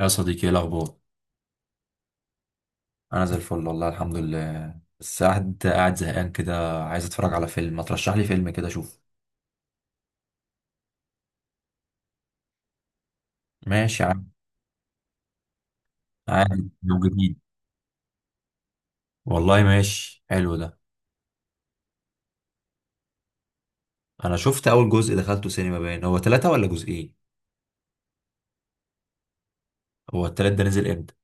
يا صديقي، ايه الاخبار؟ انا زي الفل والله الحمد لله. بس قاعد زهقان كده، عايز اتفرج على فيلم. ما ترشح لي فيلم كده اشوف؟ ماشي يا عم. عادي لو جديد. والله ماشي، حلو ده. انا شفت اول جزء، دخلته سينما. باين هو ثلاثة ولا جزئين؟ هو التلات ده نزل امتى؟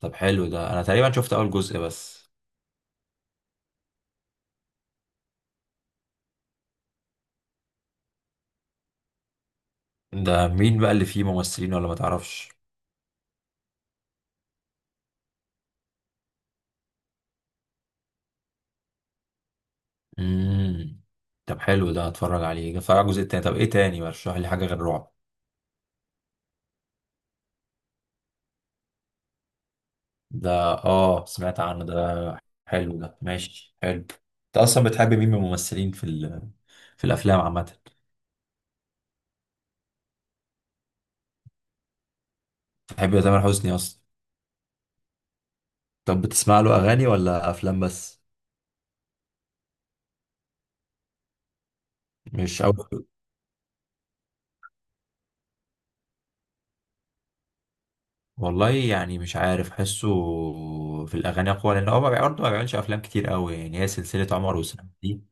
طب حلو ده، انا تقريبا شفت اول جزء بس. ده مين بقى اللي فيه ممثلين ولا ما تعرفش؟ امم طب حلو ده، هتفرج عليه، هتفرج على الجزء التاني. طب ايه تاني؟ رشح لي حاجه غير رعب. ده اه سمعت عنه، ده حلو ده، ماشي حلو. انت اصلا بتحب مين من الممثلين في في الافلام عامه؟ بتحب تامر حسني اصلا؟ طب بتسمع له اغاني ولا افلام بس؟ مش قوي. والله يعني مش عارف، حسه في الاغاني اقوى، لان هو برضه ما بيعملش افلام كتير قوي. يعني هي سلسله عمر وسلمى دي،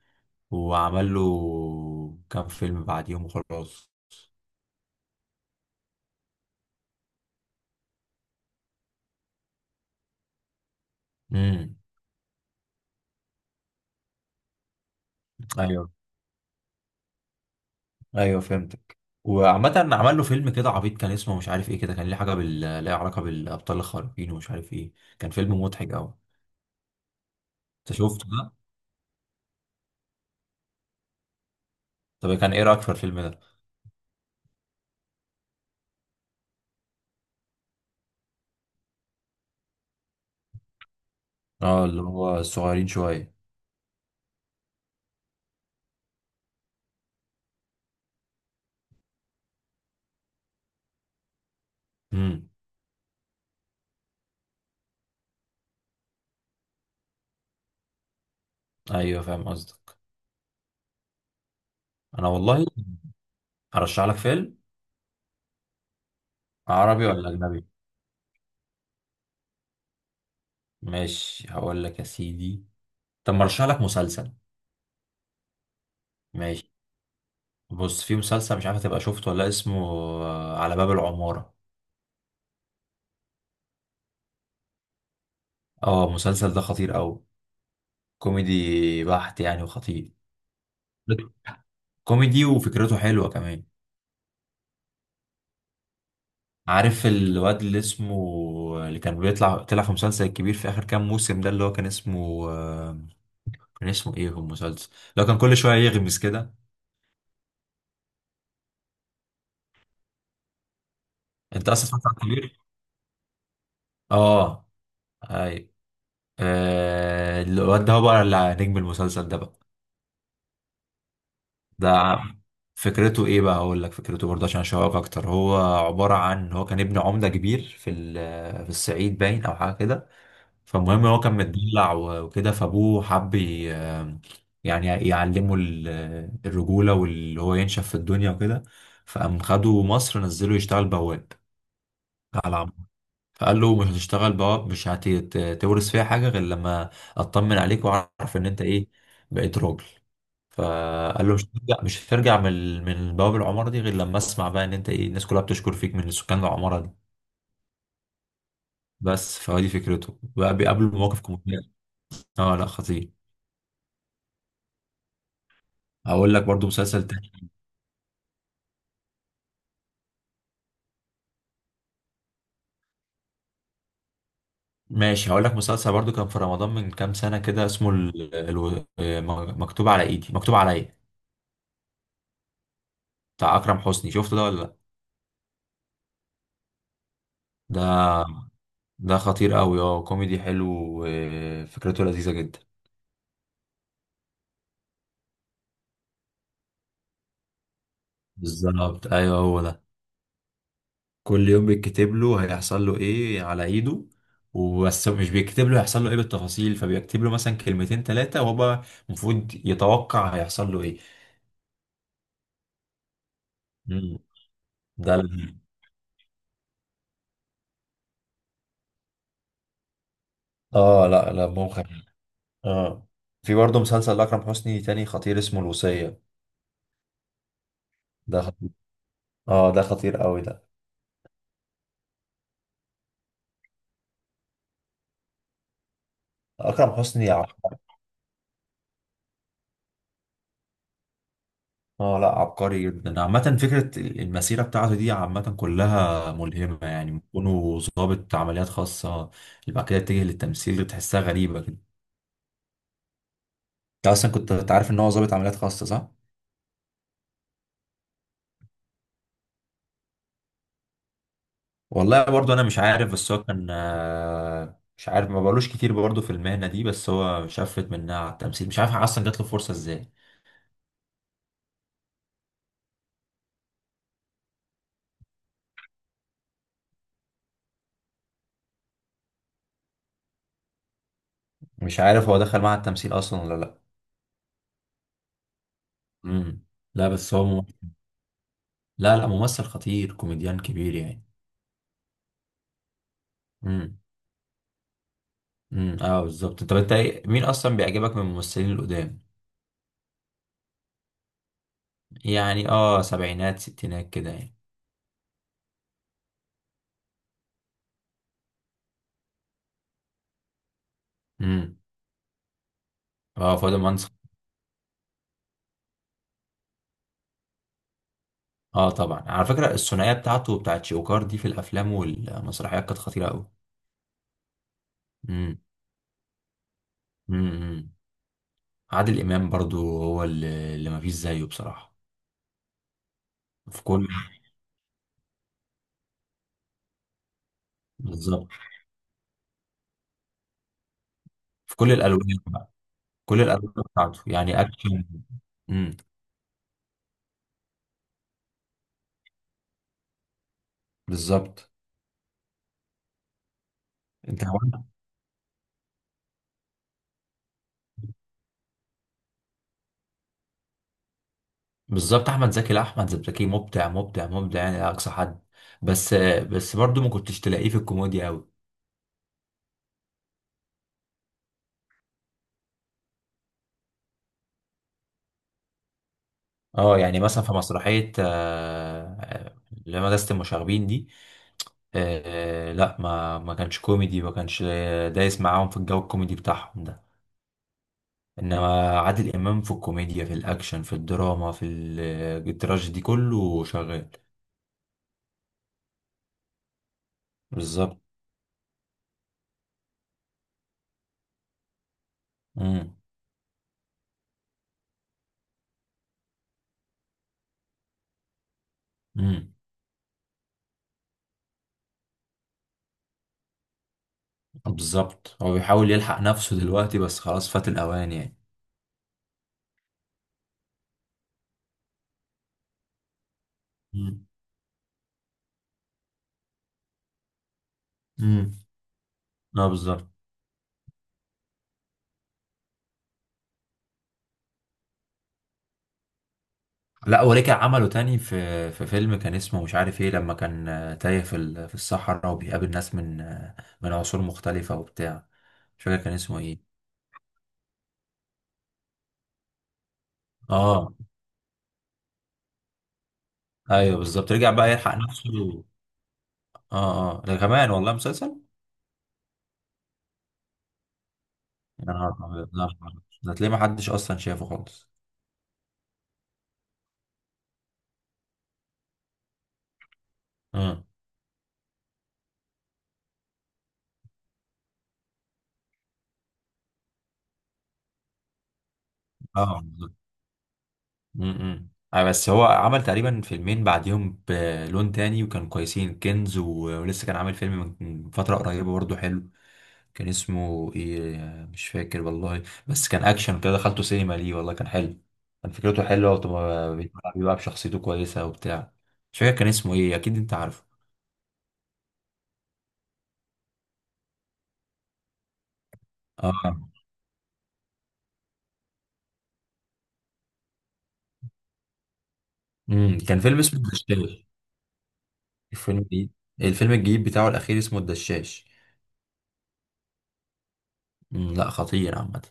وعمل له كام فيلم بعديهم وخلاص. ايوه. ايوه فهمتك. وعامة عمل له فيلم كده عبيط، كان اسمه مش عارف ايه كده، كان ليه حاجة بال ليه علاقة بالأبطال الخارقين ومش عارف ايه. كان فيلم مضحك أوي. طب كان ايه رأيك في الفيلم ده؟ اه اللي هو الصغيرين شوية. امم ايوه فاهم قصدك. انا والله هرشح لك فيلم. عربي ولا أجنبي؟ ماشي هقول لك يا سيدي. طب ما ارشح لك مسلسل. بص، في مسلسل مش عارف هتبقى شفته ولا لأ، اسمه على باب العمارة. اه المسلسل ده خطير أوي، كوميدي بحت يعني وخطير، كوميدي وفكرته حلوة كمان. عارف الواد اللي اسمه اللي كان بيطلع، طلع في مسلسل الكبير في اخر كام موسم ده، اللي هو كان اسمه كان اسمه ايه في المسلسل اللي هو كان كل شويه يغمس كده؟ اه اي الواد ده هو بقى اللي نجم المسلسل ده بقى. ده ع- فكرته ايه بقى؟ اقول لك فكرته برضه عشان اشوقك اكتر. هو عباره عن هو كان ابن عمده كبير في في الصعيد باين او حاجه كده. فالمهم هو كان متدلع وكده، فابوه حب يعني يعلمه الرجولة، واللي هو ينشف في الدنيا وكده. فقام خده مصر، نزله يشتغل بواب على عم. فقال له مش هتشتغل بواب، مش هتورث فيها حاجة غير لما اطمن عليك واعرف ان انت ايه، بقيت راجل. فقال له مش هترجع من من بواب العمارة دي غير لما اسمع بقى ان انت ايه، الناس كلها بتشكر فيك من سكان العمارة دي. بس. فهو دي فكرته بقى، بيقابله مواقف مهمة. اه لا خطير. هقول لك برضو. ماشي هقول لك مسلسل برضو كان في رمضان من كام سنة كده، اسمه مكتوب على ايدي، مكتوب عليا. بتاع أكرم حسني، شفته ده ولا لا؟ ده ده خطير قوي، اه كوميدي حلو، وفكرته لذيذة جدا. بالظبط ايوه هو ده. كل يوم بيتكتب له هيحصل له ايه على ايده، وبس مش بيكتب له هيحصل له ايه بالتفاصيل، فبيكتب له مثلا كلمتين ثلاثة وهو المفروض يتوقع هيحصل له ايه. مم. ده ال- اه لا لا اه في برضه مسلسل لأكرم حسني تاني خطير اسمه الوصية. اه ده خطير قوي ده. اكرم حسني اه لا عبقري جدا عامه. فكره المسيره بتاعته دي عامه كلها ملهمه، يعني كونه ضابط عمليات خاصه اللي بعد كده اتجه للتمثيل، تحسها غريبه كده. انت اصلا كنت عارف ان هو ضابط عمليات خاصه صح؟ والله برضه انا مش عارف، بس هو كان مش عارف، ما بقالوش كتير برضه في المهنه دي، بس هو شفت منها على التمثيل، مش عارف اصلا جات له فرصه ازاي. مش عارف هو دخل معهد التمثيل اصلا ولا لا. امم لا بس هو مم... لا لا ممثل خطير، كوميديان كبير يعني. مم. اه بالظبط. طب انت مين اصلا بيعجبك من الممثلين القدام؟ يعني اه سبعينات ستينات كده يعني. امم اه فؤاد منصف. اه طبعا، على فكره الثنائيه بتاعته وبتاعت شوكار دي في الافلام والمسرحيات كانت خطيره قوي. امم عادل امام برضو هو اللي ما فيش زيه بصراحه. في كل في كل الالوان بقى. كل الالوان بتاعته يعني اكشن. امم بالظبط. انت بالظبط. احمد زكي، لا احمد زكي مبدع مبدع مبدع يعني، لا اقصى حد. بس بس برضو ما كنتش تلاقيه في الكوميديا قوي. اه يعني مثلا في مسرحية اللي هي مدرسة المشاغبين دي، لا ما كانش كوميدي، ما كانش دايس معاهم في الجو الكوميدي بتاعهم ده. انما عادل امام في الكوميديا، في الاكشن، في الدراما، في التراجيدي، كله شغال. بالظبط. مم. مم. بالظبط هو بيحاول يلحق نفسه دلوقتي، بس خلاص فات الاوان يعني. مم. مم. اه بالظبط. لا ورجع عمله تاني في في فيلم كان اسمه مش عارف ايه، لما كان تايه في في الصحراء، وبيقابل ناس من من عصور مختلفة وبتاع. مش فاكر كان اسمه ايه. اه ايوه بالظبط. رجع بقى يلحق نفسه. اه اه ده كمان والله مسلسل. يا نهار أبيض. ده تلاقيه ما حدش اصلا شافه خالص. امم اه. امم بس هو عمل تقريبا فيلمين بعديهم بلون تاني وكانوا كويسين، كنز و... ولسه كان عامل فيلم من فترة قريبة برضه حلو. كان اسمه ايه؟ مش فاكر والله. بس كان اكشن كده، دخلته سينما ليه والله كان حلو، كان فكرته حلوة، وطبعا بيتمتع بيه بقى بشخصيته كويسة وبتاع. مش فاكر كان اسمه ايه، اكيد انت عارفه. كان فيلم اسمه الدشاش. الفيلم الجديد، الفيلم الجديد بتاعه الاخير اسمه الدشاش. لا خطير عامة،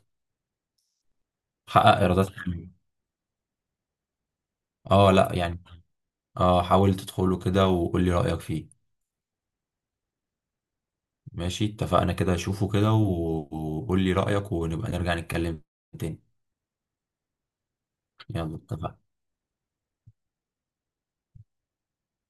حقق ايرادات حلوة. اه لا يعني. اه حاول تدخله كده وقول لي رأيك فيه. ماشي اتفقنا كده، اشوفه كده وقول لي رأيك ونبقى نرجع نتكلم تاني. يلا اتفقنا.